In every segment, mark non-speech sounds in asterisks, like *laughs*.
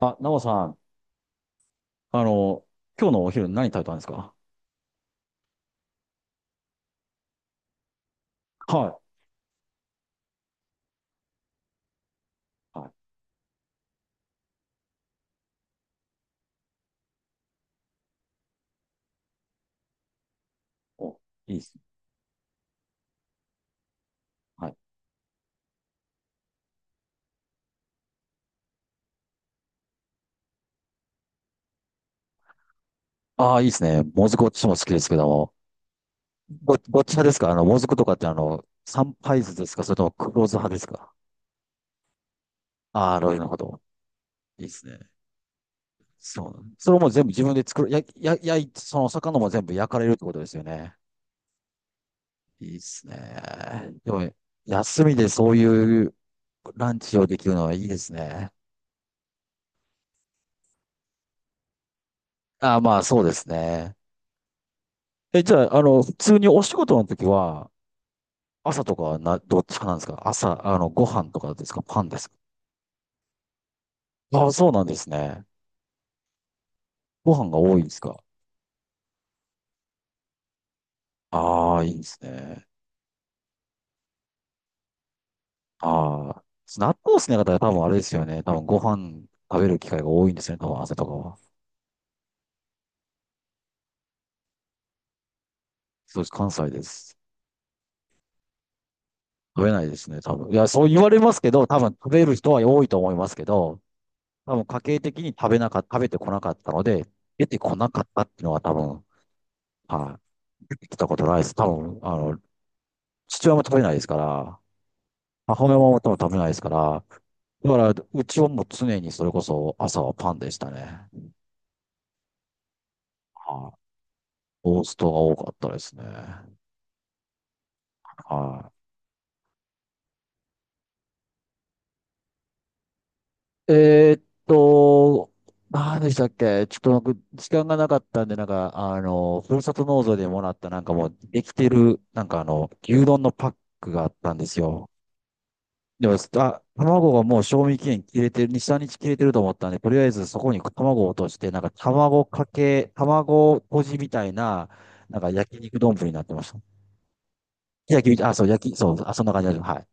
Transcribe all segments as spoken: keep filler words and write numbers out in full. あ、ナオさん、あの、今日のお昼何食べたんですか？はい。はい。お、いいですね。はい。ああ、いいですね。もずく私も好きですけども。ご、ごっち派ですか？あの、もずくとかってあの、三杯酢ですか、それとも黒酢派ですか？ああー、なるほど。いいですね。そうなん、それも全部自分で作る、や、や、やい、その魚も全部焼かれるってことですよね。いいですね。でも、休みでそういうランチをできるのはいいですね。ああ、まあそうですね。え、じゃあ、あの、普通にお仕事の時は、朝とかはな、どっちかなんですか？朝、あの、ご飯とかですか、パンですか？ああ、そうなんですね。ご飯が多いんですか？ああ、いいですね。ああ。納豆好きな方は多分あれですよね。多分ご飯食べる機会が多いんですね。多分朝とかは。そうです。関西です。食べないですね。多分。いや、そう言われますけど、多分食べる人は多いと思いますけど、多分家計的に食べなか、食べてこなかったので、出てこなかったっていうのは多分、はい。来たことないです。多分、あの、父親も食べないですから、母親も多分食べないですから、だから、うちはもう常にそれこそ朝はパンでしたね。はい。トーストが多かったですね。はい。えーっと、何でしたっけ。ちょっと僕、時間がなかったんで、なんか、あの、ふるさと納税でもらった、なんかもう、できてる、なんかあの、牛丼のパックがあったんですよ。でも、あ、卵がもう賞味期限切れてる、に、みっか切れてると思ったんで、とりあえずそこに卵を落として、なんか卵かけ、卵とじみたいな、なんか焼肉丼になってました。焼き、あ、そう、焼き、そう、あ、そんな感じです。はい。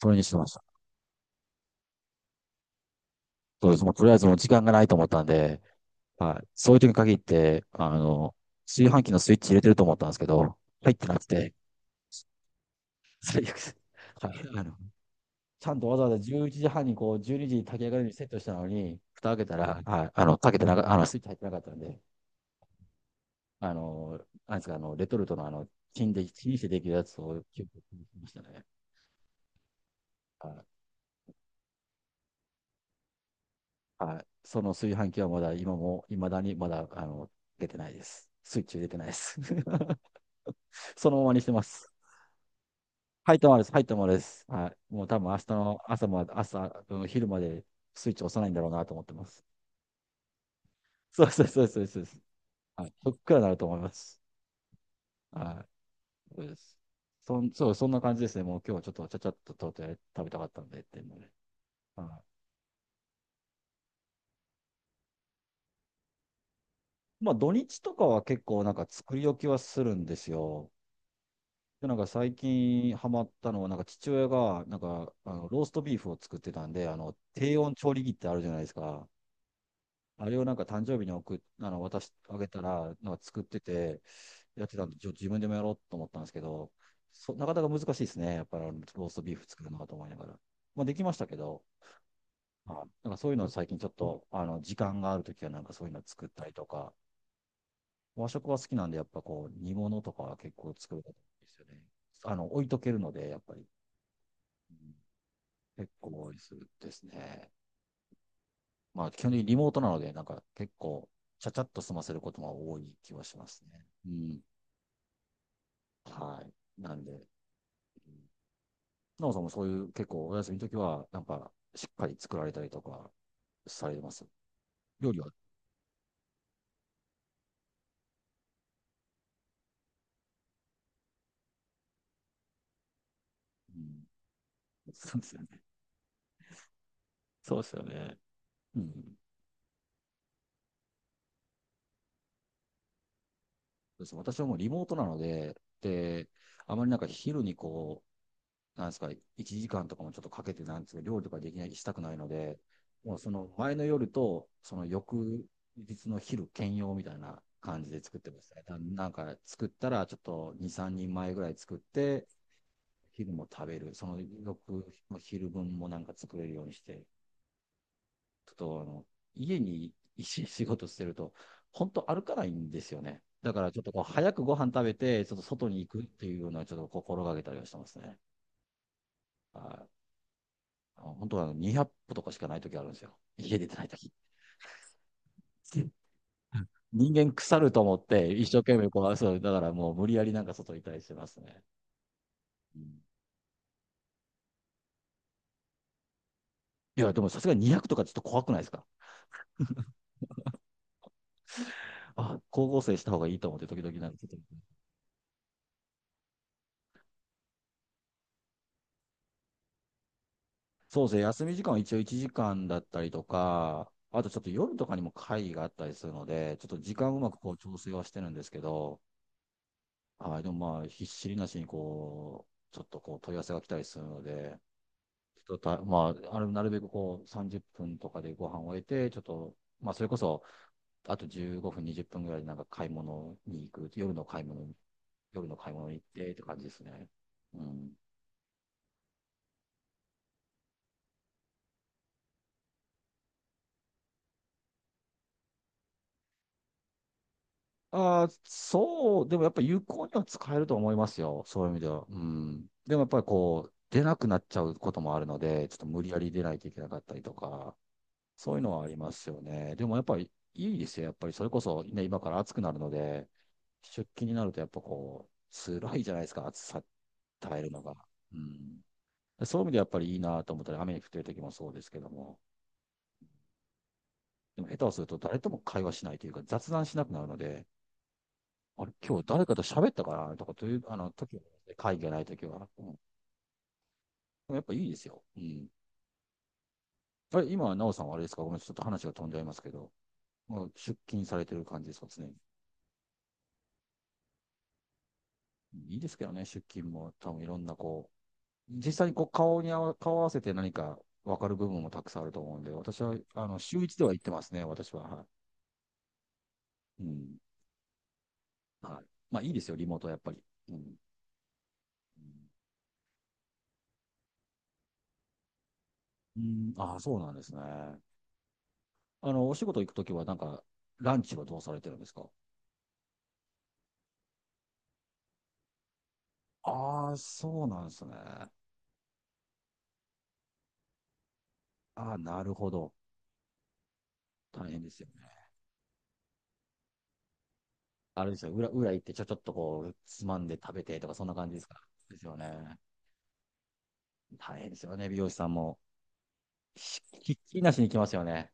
それにしてました。そうです。もうとりあえずもう時間がないと思ったんで、はい。そういう時に限って、あの、炊飯器のスイッチ入れてると思ったんですけど、入ってなくて、最悪です。はい。あのちゃんとわざわざじゅういちじはんにこう、じゅうにじにじに炊き上がるようにセットしたのに、蓋開けたら、はい、あの、かけてなか、あの、スイッチ入ってなかったんで、あの、なんですか、あの、レトルトのあの、チンで、チンしてできるやつを、結構、ましたね。はい。はい。その炊飯器はまだ、今も、いまだにまだ、あの、出てないです。スイッチ入れてないです。*laughs* そのままにしてます。入ったままです。入ったままです。はい。もう多分明日の朝まで、朝、うん、昼までスイッチ押さないんだろうなと思ってます。そうそうそうそう、そうです。はい。そっくらなると思います。はい。うん。そん、そう、そんな感じですね。もう今日はちょっとちゃちゃっととうとう食べたかったんでっていうので。はい、まあ土日とかは結構なんか作り置きはするんですよ。で、なんか最近ハマったのは、なんか父親がなんかあのローストビーフを作ってたんで、あの低温調理器ってあるじゃないですか。あれをなんか誕生日に送っ、あの渡し、あげたら、なんか作ってて、やってたんで、ちょ自分でもやろうと思ったんですけど、そ、なかなか難しいですね。やっぱりあのローストビーフ作るのかと思いながら。まあできましたけど、あ、なんかそういうの最近ちょっと、あの、時間があるときはなんかそういうの作ったりとか、和食は好きなんで、やっぱこう、煮物とかは結構作るんですよね。あの、置いとけるので、やっぱり、うん、結構多いですですね。まあ、基本的にリモートなので、なんか結構、ちゃちゃっと済ませることが多い気はしますね。うん。はい。なんで、うん、なおさんもそういう結構お休みの時は、なんか、しっかり作られたりとかされてます。料理は、うん、そうですよね。そうですよね。うん。です。私はもうリモートなので、で、あまりなんか昼にこう、なんですか、いちじかんとかもちょっとかけて、なんですか、料理とかできない、したくないので、もうその前の夜と、その翌日の昼兼用みたいな感じで作ってますね。だなんか作ったら、ちょっとに、さんにんまえぐらい作って、昼も食べる、その翌の昼分もなんか作れるようにして、ちょっとあの家に一日仕事してると、本当歩かないんですよね。だからちょっとこう早くご飯食べて、ちょっと外に行くっていうのはちょっと心がけたりはしてますね。はい。あの本当はあのにひゃっぽ歩とかしかない時あるんですよ。家出てない時。*laughs* 人間腐ると思って、一生懸命こう、そう、だからもう無理やりなんか外にいたりしてますね。うん。いや、でもさすがににひゃくとかちょっと怖くないですか？あ、高校生した方がいいと思って時々なんかちょっと。そうですね、休み時間は一応いちじかんだったりとか、あとちょっと夜とかにも会議があったりするので、ちょっと時間をうまくこう調整はしてるんですけど、はい、でも、まあ、ひっしりなしにこう、ちょっとこう問い合わせが来たりするので、ちょっとた、まあ、あのなるべくこうさんじゅっぷんとかでご飯を終えて、ちょっと、まあ、それこそ、あとじゅうごふん、にじゅっぷんぐらいでなんか買い物に行く、夜の買い物に、夜の買い物に行ってって感じですね。うん。ああ、そう、でもやっぱ有効には使えると思いますよ。そういう意味では。うん。でもやっぱりこう、出なくなっちゃうこともあるので、ちょっと無理やり出ないといけなかったりとか、そういうのはありますよね。でもやっぱりいいですよ。やっぱりそれこそね、今から暑くなるので、出勤になるとやっぱこう、辛いじゃないですか、暑さ耐えるのが。うん。そういう意味でやっぱりいいなと思ったり、雨に降ってる時もそうですけども、でも下手をすると誰とも会話しないというか、雑談しなくなるので、あれ、今日誰かと喋ったかなとか、という、あの、時はね、会議がない時は。うん、やっぱいいですよ。うん。あれ、今、なおさんはあれですか、ごめん、ちょっと話が飛んじゃいますけど、もう出勤されてる感じですかね。いいですけどね、出勤も、多分いろんな、こう、実際にこう顔に合わ、顔合わせて何か分かる部分もたくさんあると思うんで、私は、あの、週一では行ってますね、私は。はい。うん。はい。まあ、いいですよ、リモートはやっぱり。うん。うん、ああ、そうなんですね。あの、お仕事行くときは、なんか、ランチはどうされてるんですか？ああ、そうなんですね。ああ、なるほど。大変ですよね。あれですよ、裏、裏行ってちょ、ちょっとこう、つまんで食べてとか、そんな感じですか。ですよね。大変ですよね、美容師さんも。ひひっきりなしに来ますよね。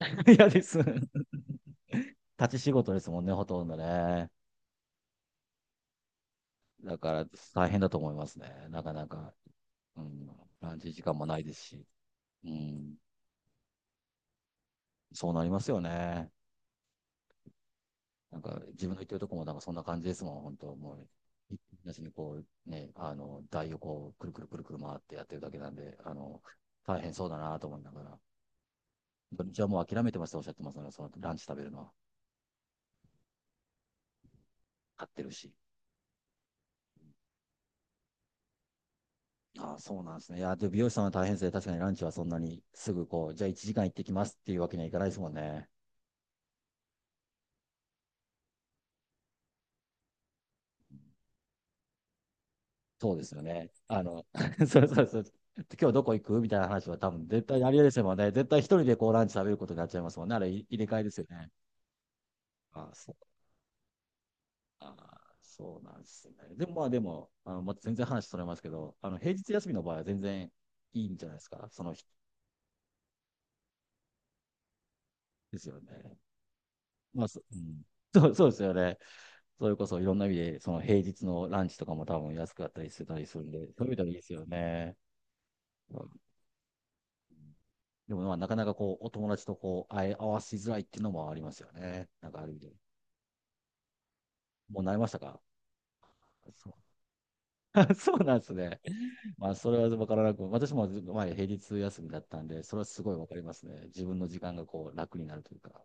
*laughs* 嫌です。*laughs* 立ち仕事ですもんね、ほとんどね。だから、大変だと思いますね。なかなか、うん、ランチ時間もないですし。うん、そうなりますよね。なんか自分の言ってるとこもなんかそんな感じですもん、本当もう、いなしにこう、ね、あの、台をこう、くるくるくるくる回ってやってるだけなんで、あの、大変そうだなと思いながら、土日はもう諦めてますっておっしゃってますね、そのランチ食べるのは、買ってるし。ああ、そうなんですね。いや、で、美容師さんは大変ですね。確かにランチはそんなにすぐこう、じゃあいちじかん行ってきますっていうわけにはいかないですもんね。そうですよね。あの、*laughs* そうそうそう。今日どこ行くみたいな話は多分絶対にありえですもんね。絶対一人でこうランチ食べることになっちゃいますもんね。あれい入れ替えですよね。あ、そう、あ、そうなんですね。でも、まあ、でも、あの、まあ、全然話それますけど、あの、平日休みの場合は全然いいんじゃないですか、その日ですよね。まあ、そ、うん。*laughs* そう、そうですよね。それこそいろんな意味で、その平日のランチとかも多分安かったりしてたりするんで、そういう意味ではいいですよね。うん。でも、まあ、なかなかこう、お友達とこう、会え合わせづらいっていうのもありますよね。なんかある意味で。もう慣れましたか？ *laughs* そう。*laughs* そうなんですね。まあ、それは分からなく、私も前平日休みだったんで、それはすごい分かりますね。自分の時間がこう楽になるというか。